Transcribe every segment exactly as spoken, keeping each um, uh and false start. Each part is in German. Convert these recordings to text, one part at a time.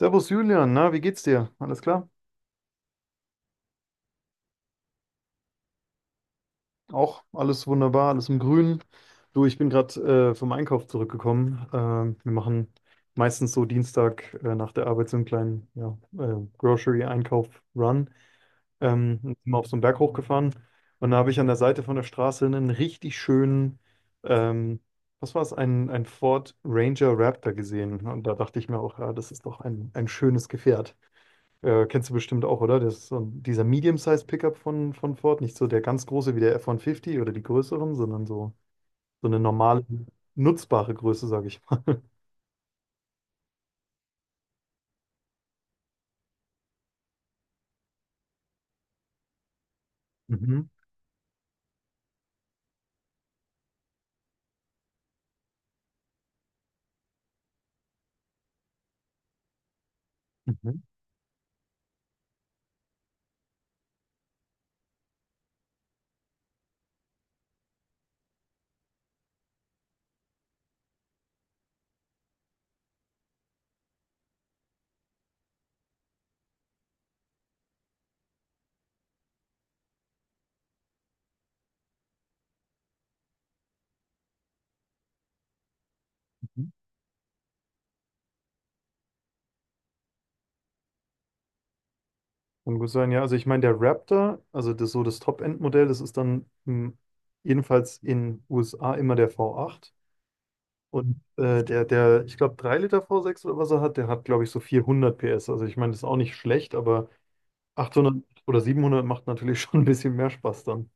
Servus Julian, na, wie geht's dir? Alles klar? Auch alles wunderbar, alles im Grünen. Du, ich bin gerade äh, vom Einkauf zurückgekommen. Ähm, wir machen meistens so Dienstag äh, nach der Arbeit so einen kleinen ja, äh, Grocery-Einkauf-Run. Ähm, und sind mal auf so einen Berg hochgefahren und da habe ich an der Seite von der Straße einen richtig schönen, ähm, was war es, ein, ein Ford Ranger Raptor gesehen. Und da dachte ich mir auch, ja, das ist doch ein, ein schönes Gefährt. Äh, kennst du bestimmt auch, oder? Das ist so ein, dieser Medium-Size-Pickup von, von Ford. Nicht so der ganz große wie der F eins fünfzig oder die größeren, sondern so, so eine normale, nutzbare Größe, sage ich mal. Mhm. Mhm. Mhm. Kann gut sein, ja. Also ich meine, der Raptor, also das so das Top-End-Modell, das ist dann hm, jedenfalls in U S A immer der v Acht. Und äh, der, der, ich glaube, drei Liter v sechs oder was er hat, der hat, glaube ich, so vierhundert P S. Also ich meine, das ist auch nicht schlecht, aber achthundert oder siebenhundert macht natürlich schon ein bisschen mehr Spaß dann.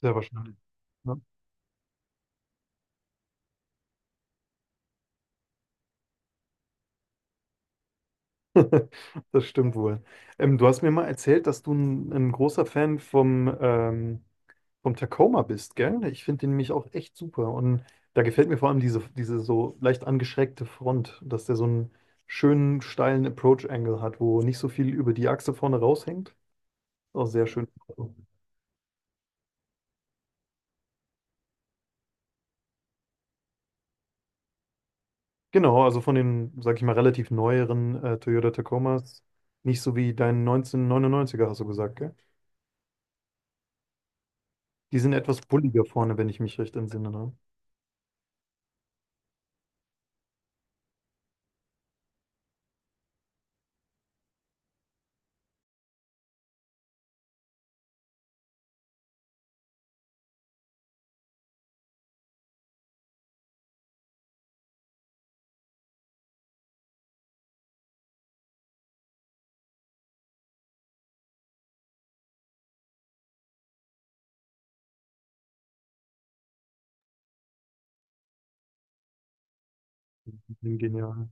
Sehr wahrscheinlich. Ja. Das stimmt wohl. Ähm, du hast mir mal erzählt, dass du ein, ein großer Fan vom, ähm, vom Tacoma bist, gell? Ich finde den nämlich auch echt super. Und da gefällt mir vor allem diese, diese so leicht angeschrägte Front, dass der so einen schönen, steilen Approach-Angle hat, wo nicht so viel über die Achse vorne raushängt. Auch sehr schön. Genau, also von den, sag ich mal, relativ neueren äh, Toyota Tacomas, nicht so wie dein neunzehnhundertneunundneunziger, hast du gesagt, gell? Die sind etwas bulliger vorne, wenn ich mich recht entsinne. Ne? Genial.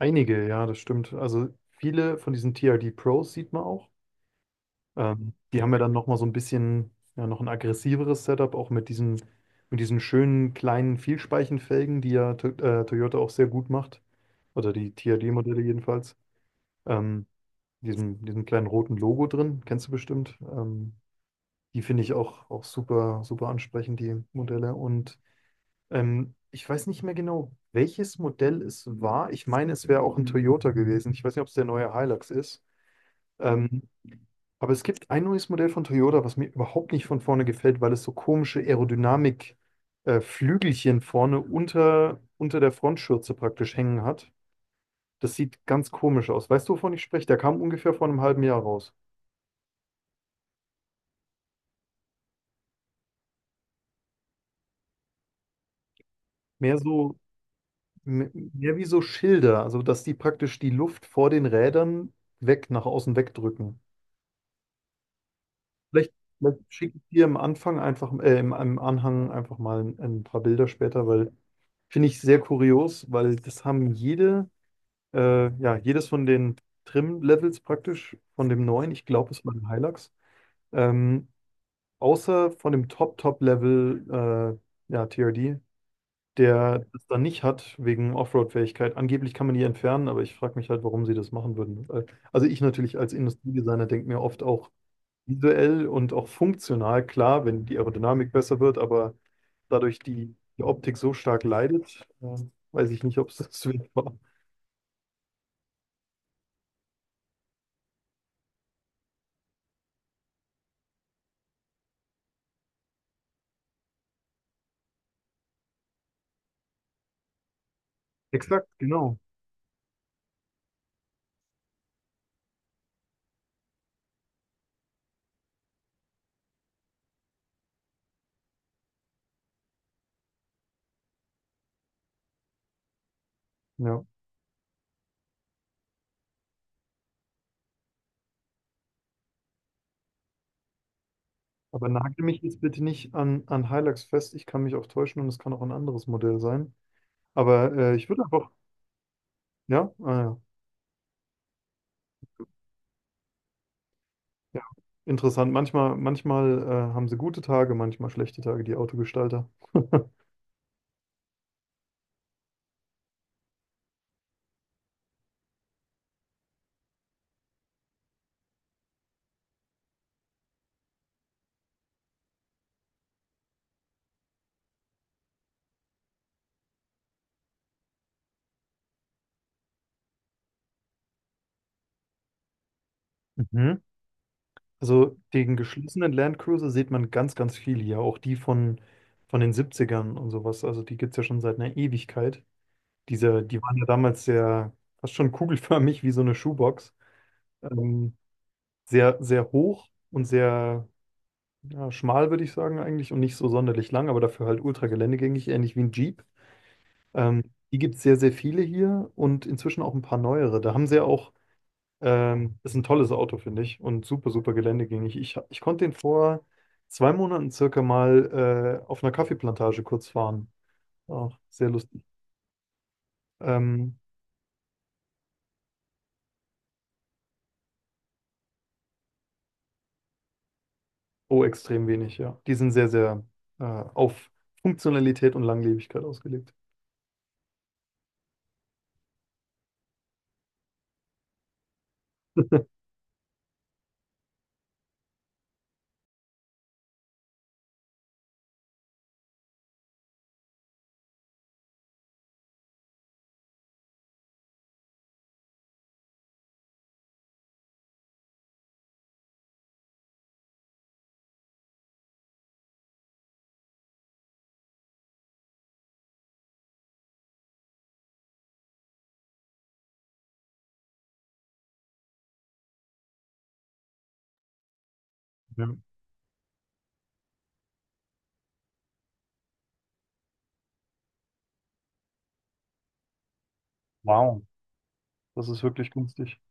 Einige, ja, das stimmt. Also viele von diesen T R D Pros sieht man auch. Ähm, die haben ja dann nochmal so ein bisschen, ja, noch ein aggressiveres Setup, auch mit diesen, mit diesen schönen kleinen Vielspeichenfelgen, die ja to äh, Toyota auch sehr gut macht. Oder die T R D Modelle jedenfalls. Ähm, diesen, diesen kleinen roten Logo drin, kennst du bestimmt. Ähm, die finde ich auch, auch super, super ansprechend, die Modelle. Und Ähm, ich weiß nicht mehr genau, welches Modell es war. Ich meine, es wäre auch ein Toyota gewesen. Ich weiß nicht, ob es der neue Hilux ist. Ähm, aber es gibt ein neues Modell von Toyota, was mir überhaupt nicht von vorne gefällt, weil es so komische Aerodynamik, äh, Flügelchen vorne unter, unter der Frontschürze praktisch hängen hat. Das sieht ganz komisch aus. Weißt du, wovon ich spreche? Der kam ungefähr vor einem halben Jahr raus. Mehr so, m- mehr wie so Schilder, also dass die praktisch die Luft vor den Rädern weg, nach außen wegdrücken. Vielleicht, vielleicht schicke ich dir am Anfang einfach, äh, im, im Anhang einfach mal ein, ein paar Bilder später, weil finde ich sehr kurios, weil das haben jede, äh, ja, jedes von den Trim-Levels praktisch, von dem neuen, ich glaube, es war ein Hilux, ähm, außer von dem Top-Top-Level, äh, ja, T R D, der das dann nicht hat, wegen Offroad-Fähigkeit. Angeblich kann man die entfernen, aber ich frage mich halt, warum sie das machen würden. Äh, Also ich natürlich als Industriedesigner denke mir oft auch, visuell und auch funktional, klar, wenn die Aerodynamik besser wird, aber dadurch die, die Optik so stark leidet, äh, weiß ich nicht, ob es das wert war. Exakt, genau. Ja. Aber nagel mich jetzt bitte nicht an, an Hilux fest. Ich kann mich auch täuschen und es kann auch ein anderes Modell sein. Aber äh, ich würde einfach, ja, ah, ja, ja, interessant. Manchmal, manchmal äh, haben sie gute Tage, manchmal schlechte Tage, die Autogestalter. Mhm. Also den geschlossenen Landcruiser sieht man ganz, ganz viel hier, auch die von, von den Siebzigern und sowas. Also die gibt es ja schon seit einer Ewigkeit. Diese, die waren ja damals sehr, fast schon kugelförmig wie so eine Schuhbox. Ähm, sehr, sehr hoch und sehr ja, schmal, würde ich sagen eigentlich, und nicht so sonderlich lang, aber dafür halt ultra geländegängig, ähnlich wie ein Jeep. Ähm, die gibt es sehr, sehr viele hier und inzwischen auch ein paar neuere. Da haben sie ja auch ähm, ist ein tolles Auto, finde ich, und super, super geländegängig. Ich, ich konnte den vor zwei Monaten circa mal äh, auf einer Kaffeeplantage kurz fahren. Auch sehr lustig. Ähm, oh, extrem wenig, ja. Die sind sehr, sehr äh, auf Funktionalität und Langlebigkeit ausgelegt. Ja. Wow, das ist wirklich günstig.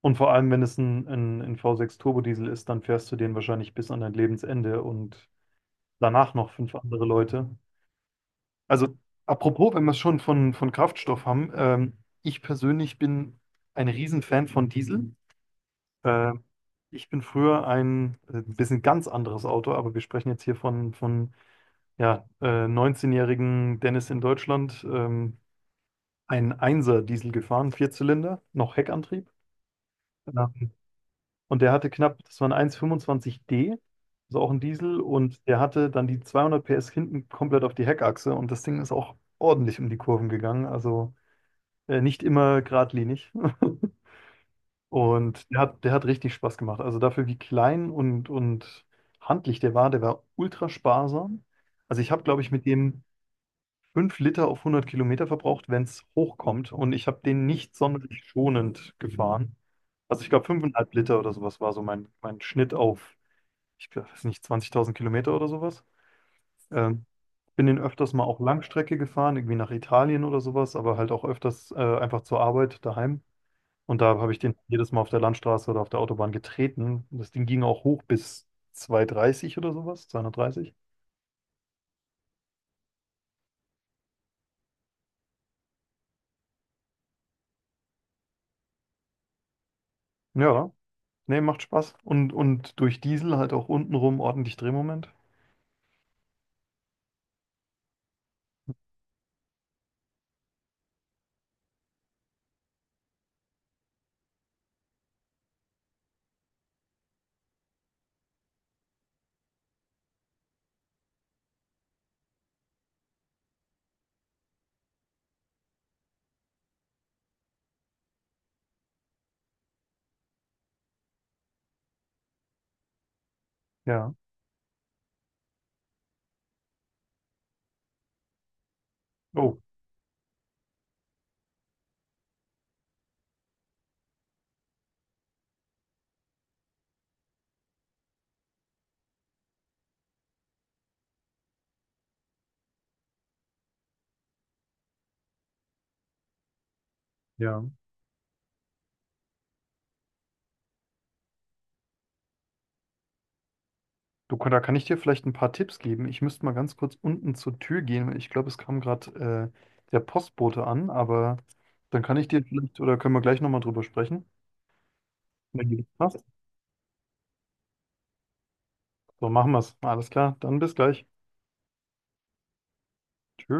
Und vor allem, wenn es ein, ein, ein V sechs Turbodiesel ist, dann fährst du den wahrscheinlich bis an dein Lebensende und danach noch fünf andere Leute. Also, apropos, wenn wir es schon von, von Kraftstoff haben, ähm, ich persönlich bin ein Riesenfan von Diesel. Äh, ich bin früher ein äh, bisschen ganz anderes Auto, aber wir sprechen jetzt hier von, von ja, äh, neunzehn-jährigen Dennis in Deutschland, ähm, ein ein Diesel gefahren, Vierzylinder, noch Heckantrieb. Ja. Und der hatte knapp, das war ein eins Komma zwei fünf D, also auch ein Diesel, und der hatte dann die zweihundert P S hinten komplett auf die Heckachse und das Ding ist auch ordentlich um die Kurven gegangen. Also äh, nicht immer geradlinig. Und der hat, der hat richtig Spaß gemacht. Also dafür, wie klein und, und handlich der war, der war ultra sparsam. Also ich habe, glaube ich, mit dem fünf Liter auf hundert Kilometer verbraucht, wenn es hochkommt. Und ich habe den nicht sonderlich schonend gefahren. Also ich glaube, fünf Komma fünf Liter oder sowas war so mein, mein Schnitt auf, ich glaub, weiß nicht, zwanzigtausend Kilometer oder sowas. Ähm, bin den öfters mal auch Langstrecke gefahren, irgendwie nach Italien oder sowas, aber halt auch öfters äh, einfach zur Arbeit daheim. Und da habe ich den jedes Mal auf der Landstraße oder auf der Autobahn getreten. Das Ding ging auch hoch bis zweihundertdreißig oder sowas, zweihundertdreißig. Ja, nee, macht Spaß. Und, und durch Diesel halt auch untenrum ordentlich Drehmoment. Ja. Oh, ja. Du, da kann ich dir vielleicht ein paar Tipps geben. Ich müsste mal ganz kurz unten zur Tür gehen, weil ich glaube, es kam gerade äh, der Postbote an, aber dann kann ich dir vielleicht oder können wir gleich nochmal drüber sprechen. Wenn dir das passt. So, machen wir es. Alles klar, dann bis gleich. Tschö.